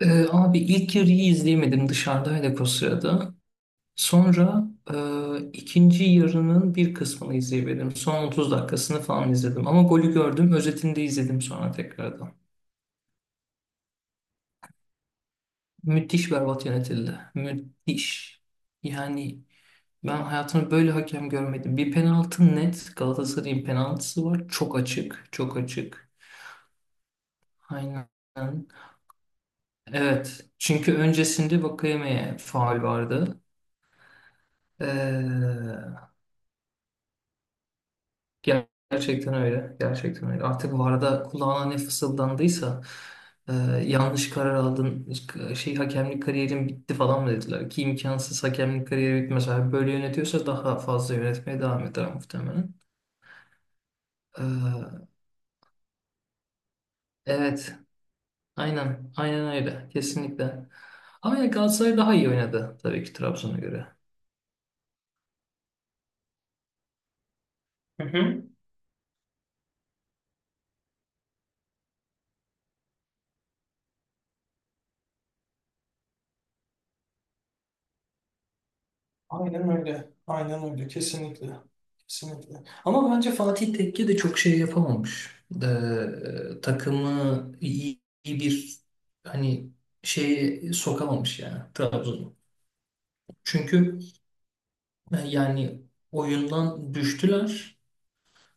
Abi ilk yarıyı izleyemedim dışarıdaydık o sırada. Sonra ikinci yarının bir kısmını izleyemedim. Son 30 dakikasını falan izledim. Ama golü gördüm. Özetini de izledim sonra tekrardan. Müthiş berbat yönetildi. Müthiş. Yani ben hayatımda böyle hakem görmedim. Bir penaltı net. Galatasaray'ın penaltısı var. Çok açık. Çok açık. Aynen. Evet. Çünkü öncesinde Vakayeme'ye faul vardı. Ee, Gerçekten öyle. Gerçekten öyle. Artık VAR'da kulağına ne fısıldandıysa e, yanlış karar aldın, şey hakemlik kariyerin bitti falan mı dediler ki imkansız hakemlik kariyeri bitmez. Eğer böyle yönetiyorsa daha fazla yönetmeye devam eder muhtemelen. E, evet. Aynen. Aynen öyle. Kesinlikle. Ama yani Galatasaray daha iyi oynadı tabii ki Trabzon'a göre. Hı hı. Aynen öyle. Aynen öyle. Kesinlikle. Kesinlikle. Ama bence Fatih Tekke de çok şey yapamamış. Takımı iyi bir hani şeye sokamamış yani Trabzon'u. Çünkü yani oyundan düştüler.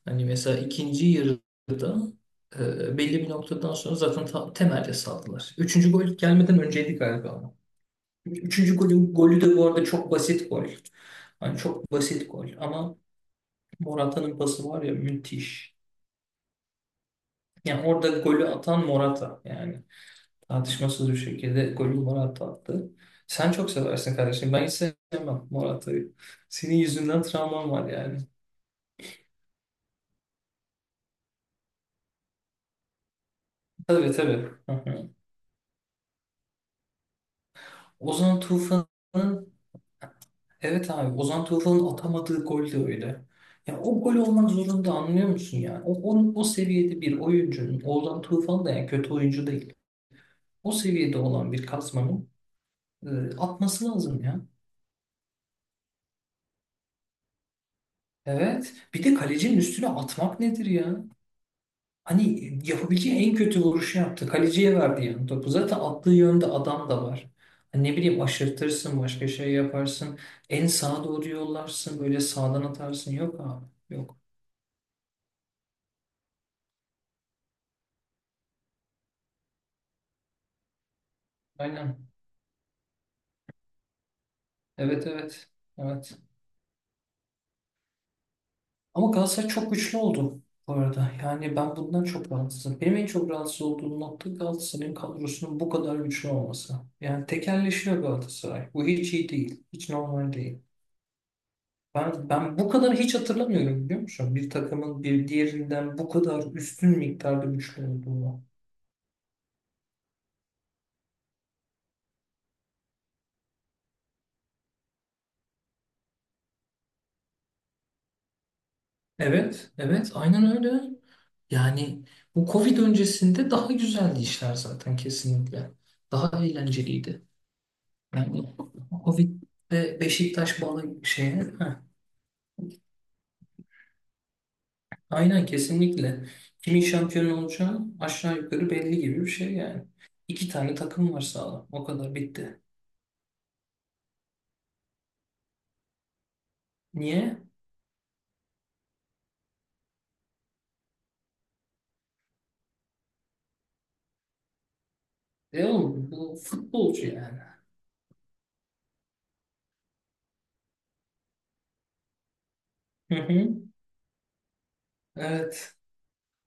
Hani mesela ikinci yarıda belli bir noktadan sonra zaten temelde saldılar. Üçüncü gol gelmeden önceydi galiba ama. Üçüncü golün golü de bu arada çok basit gol. Hani çok basit gol ama Morata'nın pası var ya müthiş. Yani orada golü atan Morata yani. Tartışmasız bir şekilde golü Morata attı. Sen çok seversin kardeşim. Ben hiç sevmem Morata'yı. Senin yüzünden travmam var yani. Tabii tabii. Hı hı. Ozan Tufan'ın, evet abi, Ozan Tufan'ın atamadığı gol de öyle. Ya o gol olmak zorunda anlıyor musun yani? O seviyede bir oyuncunun Ozan Tufan da yani kötü oyuncu değil. O seviyede olan bir kasmanın e, atması lazım ya. Evet. Bir de kalecinin üstüne atmak nedir ya? Hani yapabileceği en kötü vuruşu yaptı. Kaleciye verdi yani topu. Zaten attığı yönde adam da var. Hani ne bileyim aşırtırsın, başka şey yaparsın. En sağa doğru yollarsın, böyle sağdan atarsın. Yok abi, yok. Aynen. Evet, evet. Evet. Ama Galatasaray çok güçlü oldu bu arada. Yani ben bundan çok rahatsızım. Benim en çok rahatsız olduğum nokta Galatasaray'ın kadrosunun bu kadar güçlü olması. Yani tekelleşiyor Galatasaray. Bu hiç iyi değil. Hiç normal değil. Ben bu kadar hiç hatırlamıyorum biliyor musun? Bir takımın bir diğerinden bu kadar üstün miktarda güçlü olduğunu. Evet, evet, aynen öyle. Yani bu Covid öncesinde daha güzeldi işler zaten kesinlikle. Daha eğlenceliydi. Yani Covid'de Beşiktaş bağlı şeye. Heh, aynen kesinlikle. Kimin şampiyon olacağı aşağı yukarı belli gibi bir şey yani. İki tane takım var sağlam. O kadar bitti. Niye? E oğlum bu futbolcu yani. Hı hı. Evet.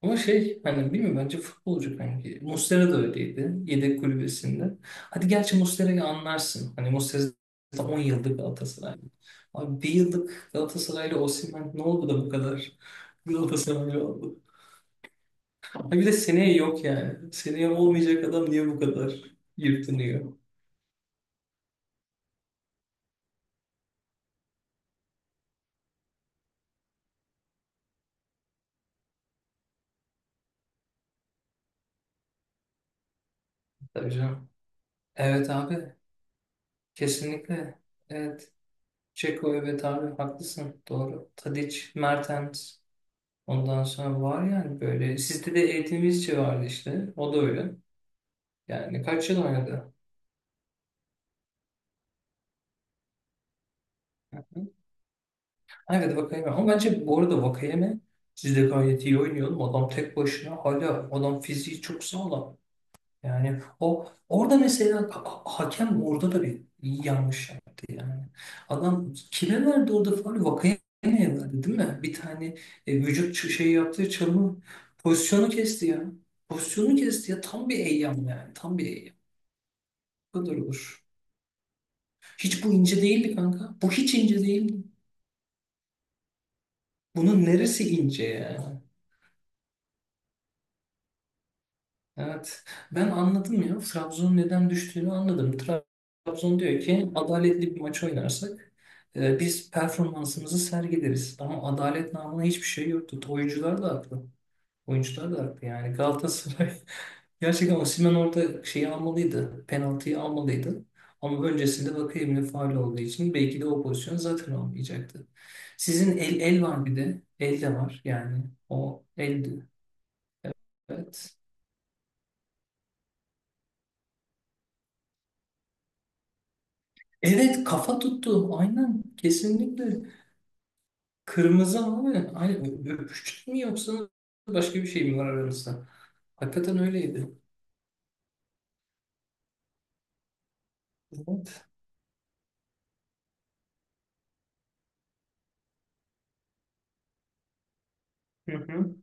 Ama şey hani bilmiyorum bence futbolcu kanki. Muslera da öyleydi. Yedek kulübesinde. Hadi gerçi Muslera'yı anlarsın. Hani Muslera zaten 10 yıllık Galatasaraylı. Abi bir yıllık Galatasaraylı Osimhen ne oldu da bu kadar Galatasaraylı oldu? Ha bir de seneye yok yani. Seneye olmayacak adam niye bu kadar yırtınıyor? Tabii canım. Evet abi. Kesinlikle. Evet. Ceko, evet abi, haklısın. Doğru. Tadic, Mertens. Ondan sonra var yani böyle. Sizde de eğitimizci vardı işte. O da öyle. Yani kaç yıl oynadı? Hı hı. Evet Vakayeme. Ama bence bu arada Vakayeme sizde gayet iyi oynuyor. Adam tek başına hala adam fiziği çok sağlam. Yani o orada mesela hakem orada da bir yanlış yaptı yani. Adam kime verdi orada faul? Vakayeme'ye verdi değil mi? Bir tane vücut şey yaptığı çalımı pozisyonu kesti ya. Pozisyonu kesti ya tam bir eyyam yani tam bir eyyam. Kadar olur. Hiç bu ince değildi kanka. Bu hiç ince değildi. Bunun neresi ince ya? Evet. Ben anladım ya. Trabzon'un neden düştüğünü anladım. Trabzon diyor ki adaletli bir maç oynarsak biz performansımızı sergileriz. Ama adalet namına hiçbir şey yoktu. Oyuncular da haklı. Oyuncular da haklı yani. Galatasaray gerçekten Osimhen orada şeyi almalıydı. Penaltıyı almalıydı. Ama öncesinde Vakayemi'nin faul olduğu için belki de o pozisyon zaten olmayacaktı. Sizin el var bir de. El de var yani. O eldi. Evet. Evet kafa tuttu. Aynen kesinlikle. Kırmızı abi. Aynen. Öpüştük mü yoksa başka bir şey mi var aranızda? Hakikaten öyleydi. Evet. Hı hı.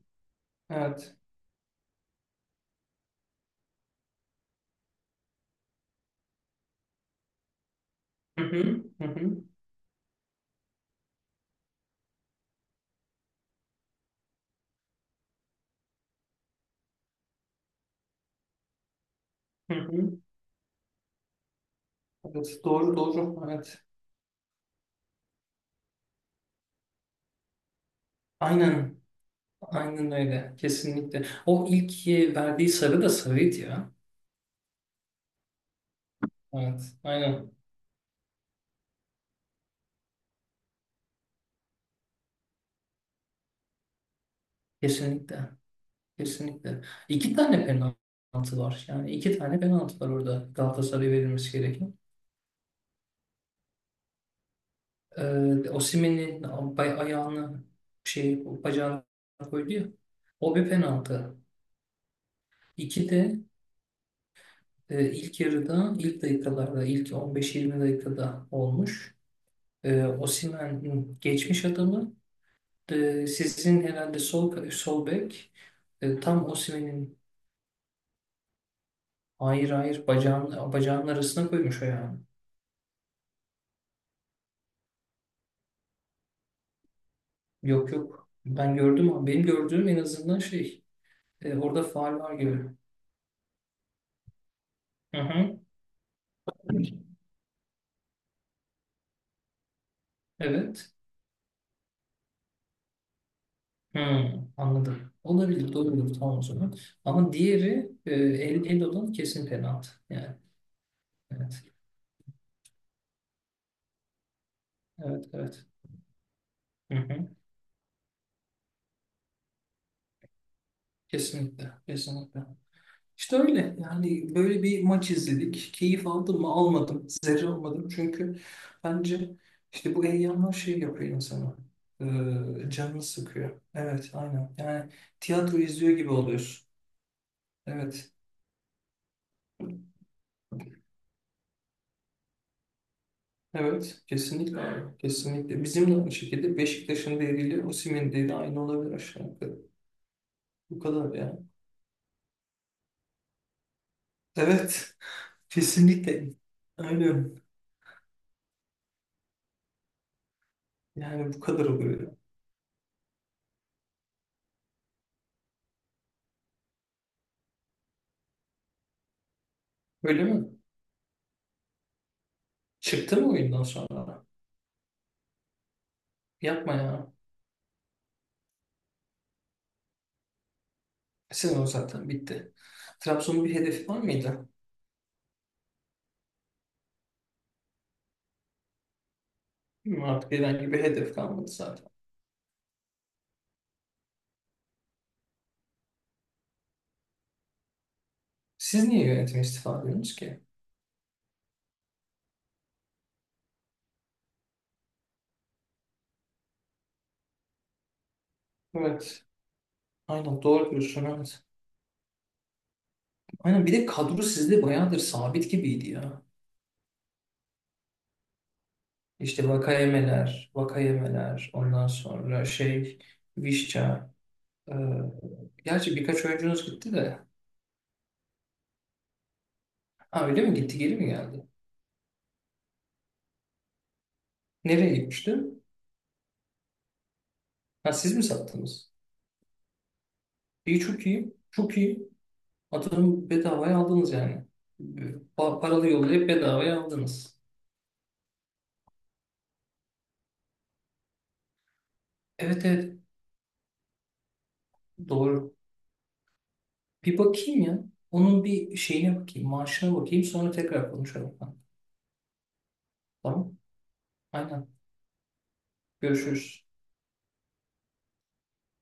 Evet. Hı hı. Hı hı. Hı hı. Evet. Doğru doğru. Evet. Aynen. Aynen öyle. Kesinlikle. O ilk verdiği sarı da sarıydı ya. Evet. Aynen. Kesinlikle. Kesinlikle. İki tane penaltı var. Yani iki tane penaltı var orada Galatasaray'a verilmesi gereken. Osimhen'in ayağını şey bacağına koydu ya. O bir penaltı. İki de ilk yarıda, ilk dakikalarda, ilk 15-20 dakikada olmuş. Osimhen geçmiş adamı. Sizin herhalde sol bek tam Osimhen'in hayır hayır bacağının arasına koymuş ayağını. Yok yok. Ben gördüm ama benim gördüğüm en azından şey orada faul var gibi. Hı hı. Evet. Hmm, anladım. Olabilir, doğrudur tamam o zaman. Ama diğeri el olan kesin penaltı. Yani evet, evet, evet. Hı hı. Kesinlikle, kesinlikle. İşte öyle yani böyle bir maç izledik. Keyif aldım mı almadım. Zerre almadım çünkü bence işte bu heyecanlar şey yapıyor insana. Canını sıkıyor. Evet aynen yani tiyatro izliyor gibi oluyorsun. Evet. Evet, kesinlikle abi. Kesinlikle. Bizim de aynı şekilde Beşiktaş'ın değeriyle Osimhen'in değeri aynı olabilir aşağı yukarı. Bu kadar ya. Evet, kesinlikle. Aynen. Yani bu kadar oluyor ya. Öyle mi? Çıktı mı oyundan sonra? Yapma ya. Sezon zaten bitti. Trabzon'un bir hedefi var mıydı? Bilmiyorum, artık herhangi bir hedef kalmadı zaten. Siz niye yönetime istifa ediyorsunuz ki? Evet. Aynen doğru diyorsun. Evet. Aynen bir de kadro sizde bayağıdır sabit gibiydi ya. İşte vakayemeler, vakayemeler, ondan sonra şey, Vişça. e, gerçi birkaç oyuncunuz gitti de. Ha öyle mi gitti, geri mi geldi? Nereye gitmişti? Ha siz mi sattınız? İyi çok iyi, çok iyi. Atıyorum bedavaya aldınız yani. Paralı yollayıp bedavaya aldınız. Evet evet, doğru. Bir bakayım ya. Onun bir şeyine bakayım, maaşına bakayım sonra tekrar konuşalım. Tamam, aynen. Görüşürüz.